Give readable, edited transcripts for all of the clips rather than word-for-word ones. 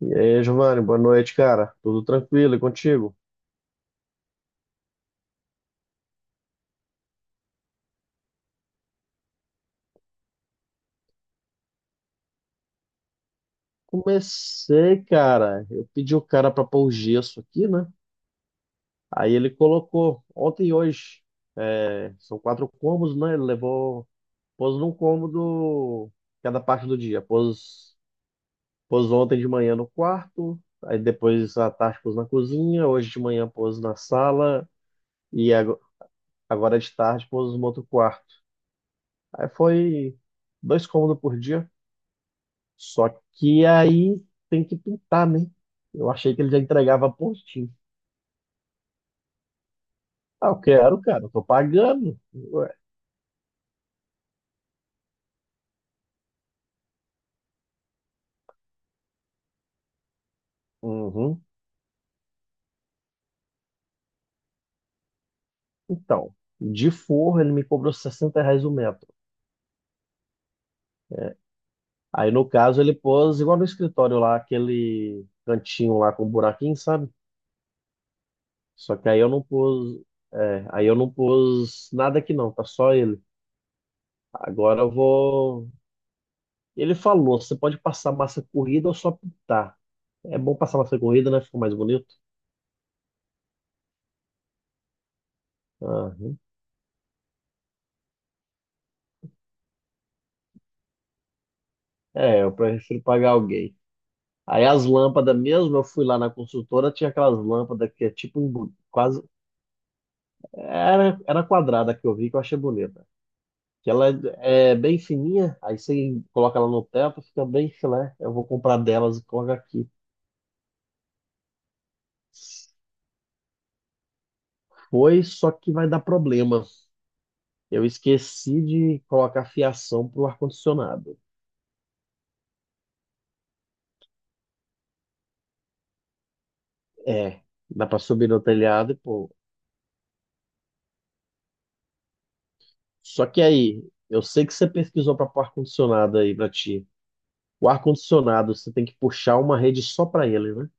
E aí, Giovanni, boa noite, cara. Tudo tranquilo e contigo? Comecei, cara. Eu pedi o cara para pôr o gesso aqui, né? Aí ele colocou ontem e hoje. É, são quatro cômodos, né? Ele levou, pôs num cômodo cada parte do dia. Pôs ontem de manhã no quarto, aí depois à tarde pôs na cozinha, hoje de manhã pôs na sala e agora de tarde pôs no outro quarto. Aí foi dois cômodos por dia. Só que aí tem que pintar, né? Eu achei que ele já entregava pontinho. Ah, eu quero, cara, eu tô pagando. Ué, uhum. Então, de forro ele me cobrou R$ 60 o metro. Aí no caso ele pôs igual no escritório lá, aquele cantinho lá com buraquinho, sabe? Só que aí eu não pus, é, aí eu não pus nada aqui não, tá só ele. Agora eu vou. Ele falou, você pode passar massa corrida ou só pintar. É bom passar massa corrida, né? Ficou mais bonito. Ah, é, eu prefiro pagar alguém. Aí as lâmpadas mesmo, eu fui lá na consultora, tinha aquelas lâmpadas que é tipo quase. Era quadrada que eu vi que eu achei bonita. Que ela é bem fininha, aí você coloca ela no teto, fica bem filé. Eu vou comprar delas e coloco aqui. Foi, só que vai dar problema. Eu esqueci de colocar fiação pro ar-condicionado. É, dá pra subir no telhado e pô. Só que aí, eu sei que você pesquisou para pôr ar-condicionado aí pra ti. O ar-condicionado, você tem que puxar uma rede só para ele, né?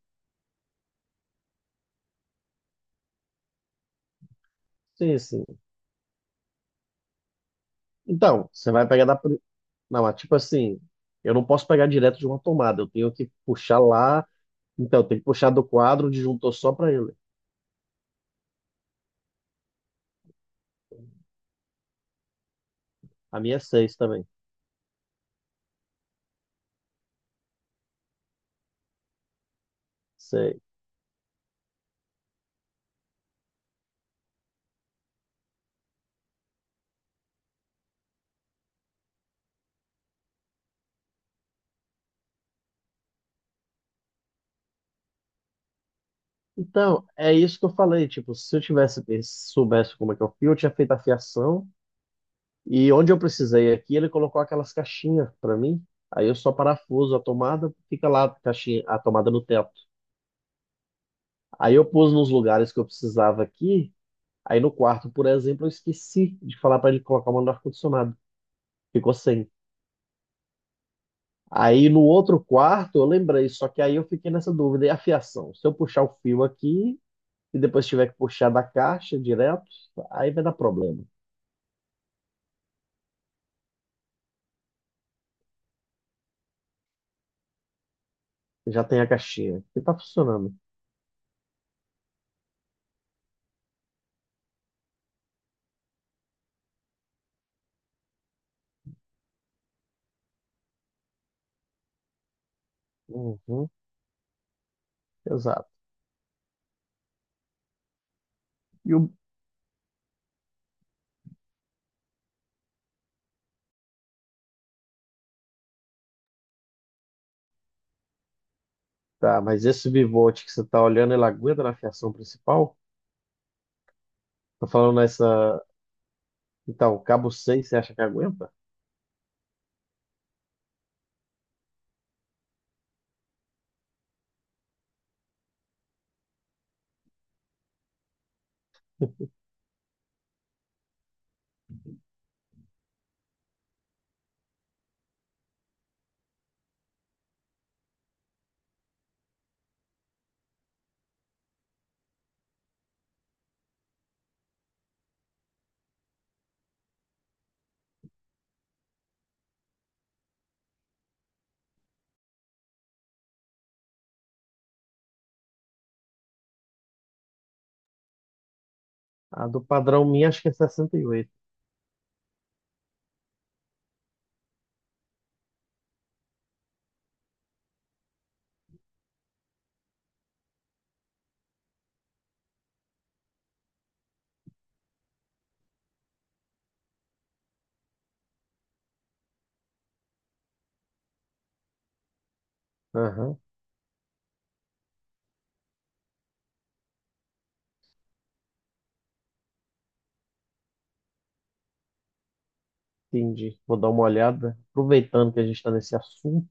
Sim, sim. Então, você vai pegar da. Não, mas tipo assim, eu não posso pegar direto de uma tomada, eu tenho que puxar lá. Então, eu tenho que puxar do quadro, o disjuntor só para ele. A minha é seis também. Sei. Então, é isso que eu falei. Tipo, se eu tivesse, se soubesse como é que eu fio, eu tinha feito a fiação. E onde eu precisei aqui, ele colocou aquelas caixinhas para mim. Aí eu só parafuso a tomada, fica lá a caixinha, a tomada no teto. Aí eu pus nos lugares que eu precisava aqui. Aí no quarto, por exemplo, eu esqueci de falar para ele colocar o mano do ar-condicionado. Ficou sem. Aí no outro quarto, eu lembrei, só que aí eu fiquei nessa dúvida. E a fiação? Se eu puxar o fio aqui e depois tiver que puxar da caixa direto, aí vai dar problema. Já tem a caixinha que tá funcionando. Uhum, exato. E o... Tá, mas esse bivolt que você tá olhando, ele aguenta na fiação principal? Tô falando nessa. Então, cabo seis, você acha que aguenta? A do padrão minha, acho que é 68. Aham. Entendi. Vou dar uma olhada. Aproveitando que a gente está nesse assunto,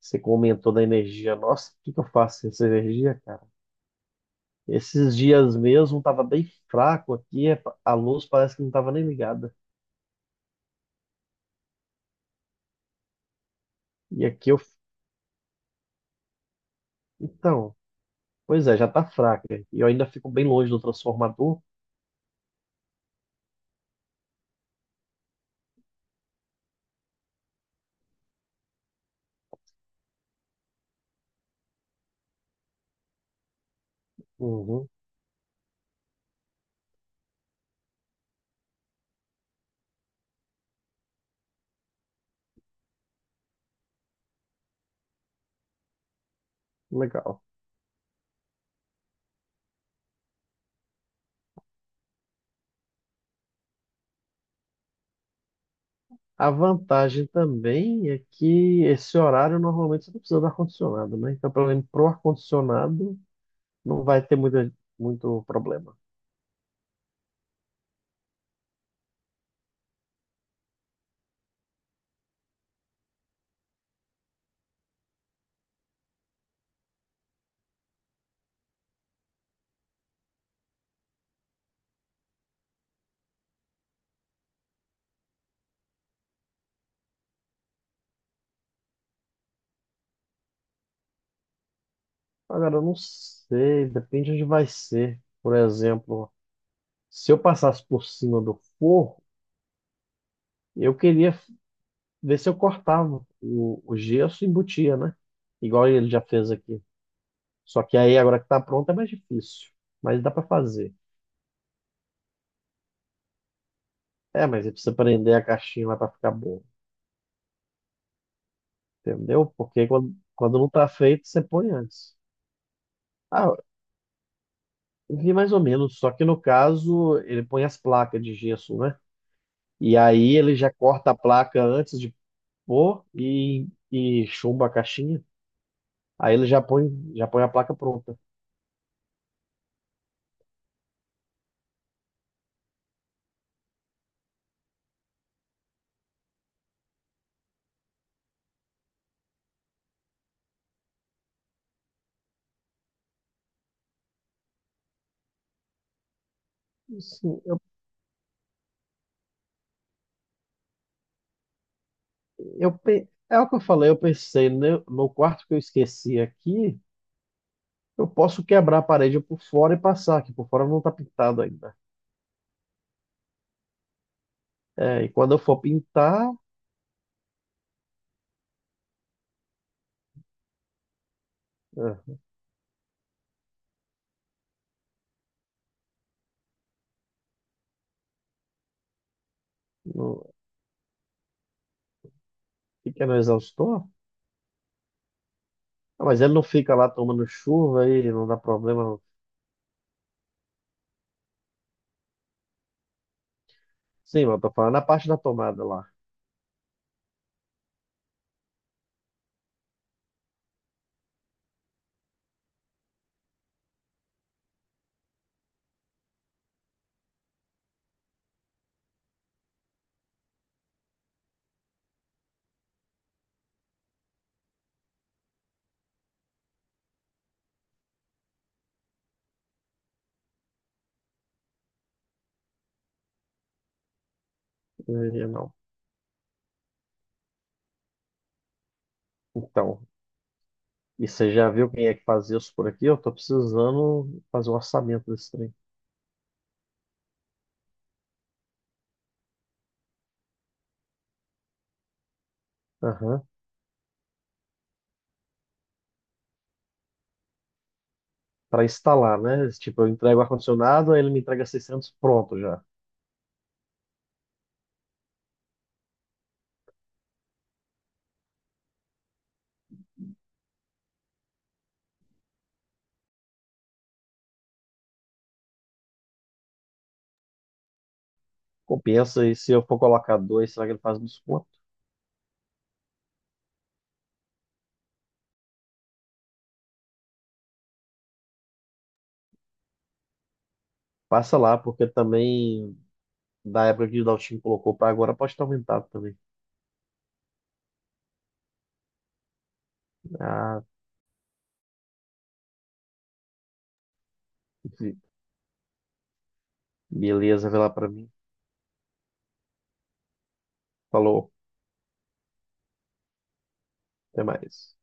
você comentou da energia. Nossa, o que que eu faço com essa energia, cara? Esses dias mesmo estava bem fraco aqui, a luz parece que não estava nem ligada. E aqui eu. Então, pois é, já está fraca. E eu ainda fico bem longe do transformador. Uhum, legal. A vantagem também é que esse horário normalmente você não precisa do ar-condicionado, né? Então, pelo menos pro ar-condicionado não vai ter muita, muito problema. Ah, cara, eu não sei, depende onde vai ser. Por exemplo, se eu passasse por cima do forro, eu queria ver se eu cortava o gesso e embutia, né? Igual ele já fez aqui. Só que aí, agora que tá pronto, é mais difícil. Mas dá pra fazer. É, mas aí precisa prender a caixinha lá pra ficar bom, entendeu? Porque quando não tá feito, você põe antes. Ah, eu vi mais ou menos, só que no caso, ele põe as placas de gesso, né? E aí ele já corta a placa antes de Pô, e chumba a caixinha. Aí ele já põe a placa pronta. Assim, eu é o que eu falei, eu pensei, no quarto que eu esqueci aqui, eu posso quebrar a parede por fora e passar, que por fora não tá pintado ainda. É, e quando eu for pintar, é, não, fica no exaustor. Ah, mas ele não fica lá tomando chuva e não dá problema, não. Sim, mas eu tô falando na parte da tomada lá. É, não. Então, e você já viu quem é que fazia isso por aqui? Eu tô precisando fazer um orçamento desse trem. Aham. Para instalar, né? Tipo, eu entrego o ar-condicionado, aí ele me entrega 600 pronto já. Compensa, e se eu for colocar dois, será que ele faz um desconto? Passa lá, porque também, da época que o Daltinho colocou para agora, pode estar aumentado também. Ah, beleza, vê lá para mim. Falou, até mais.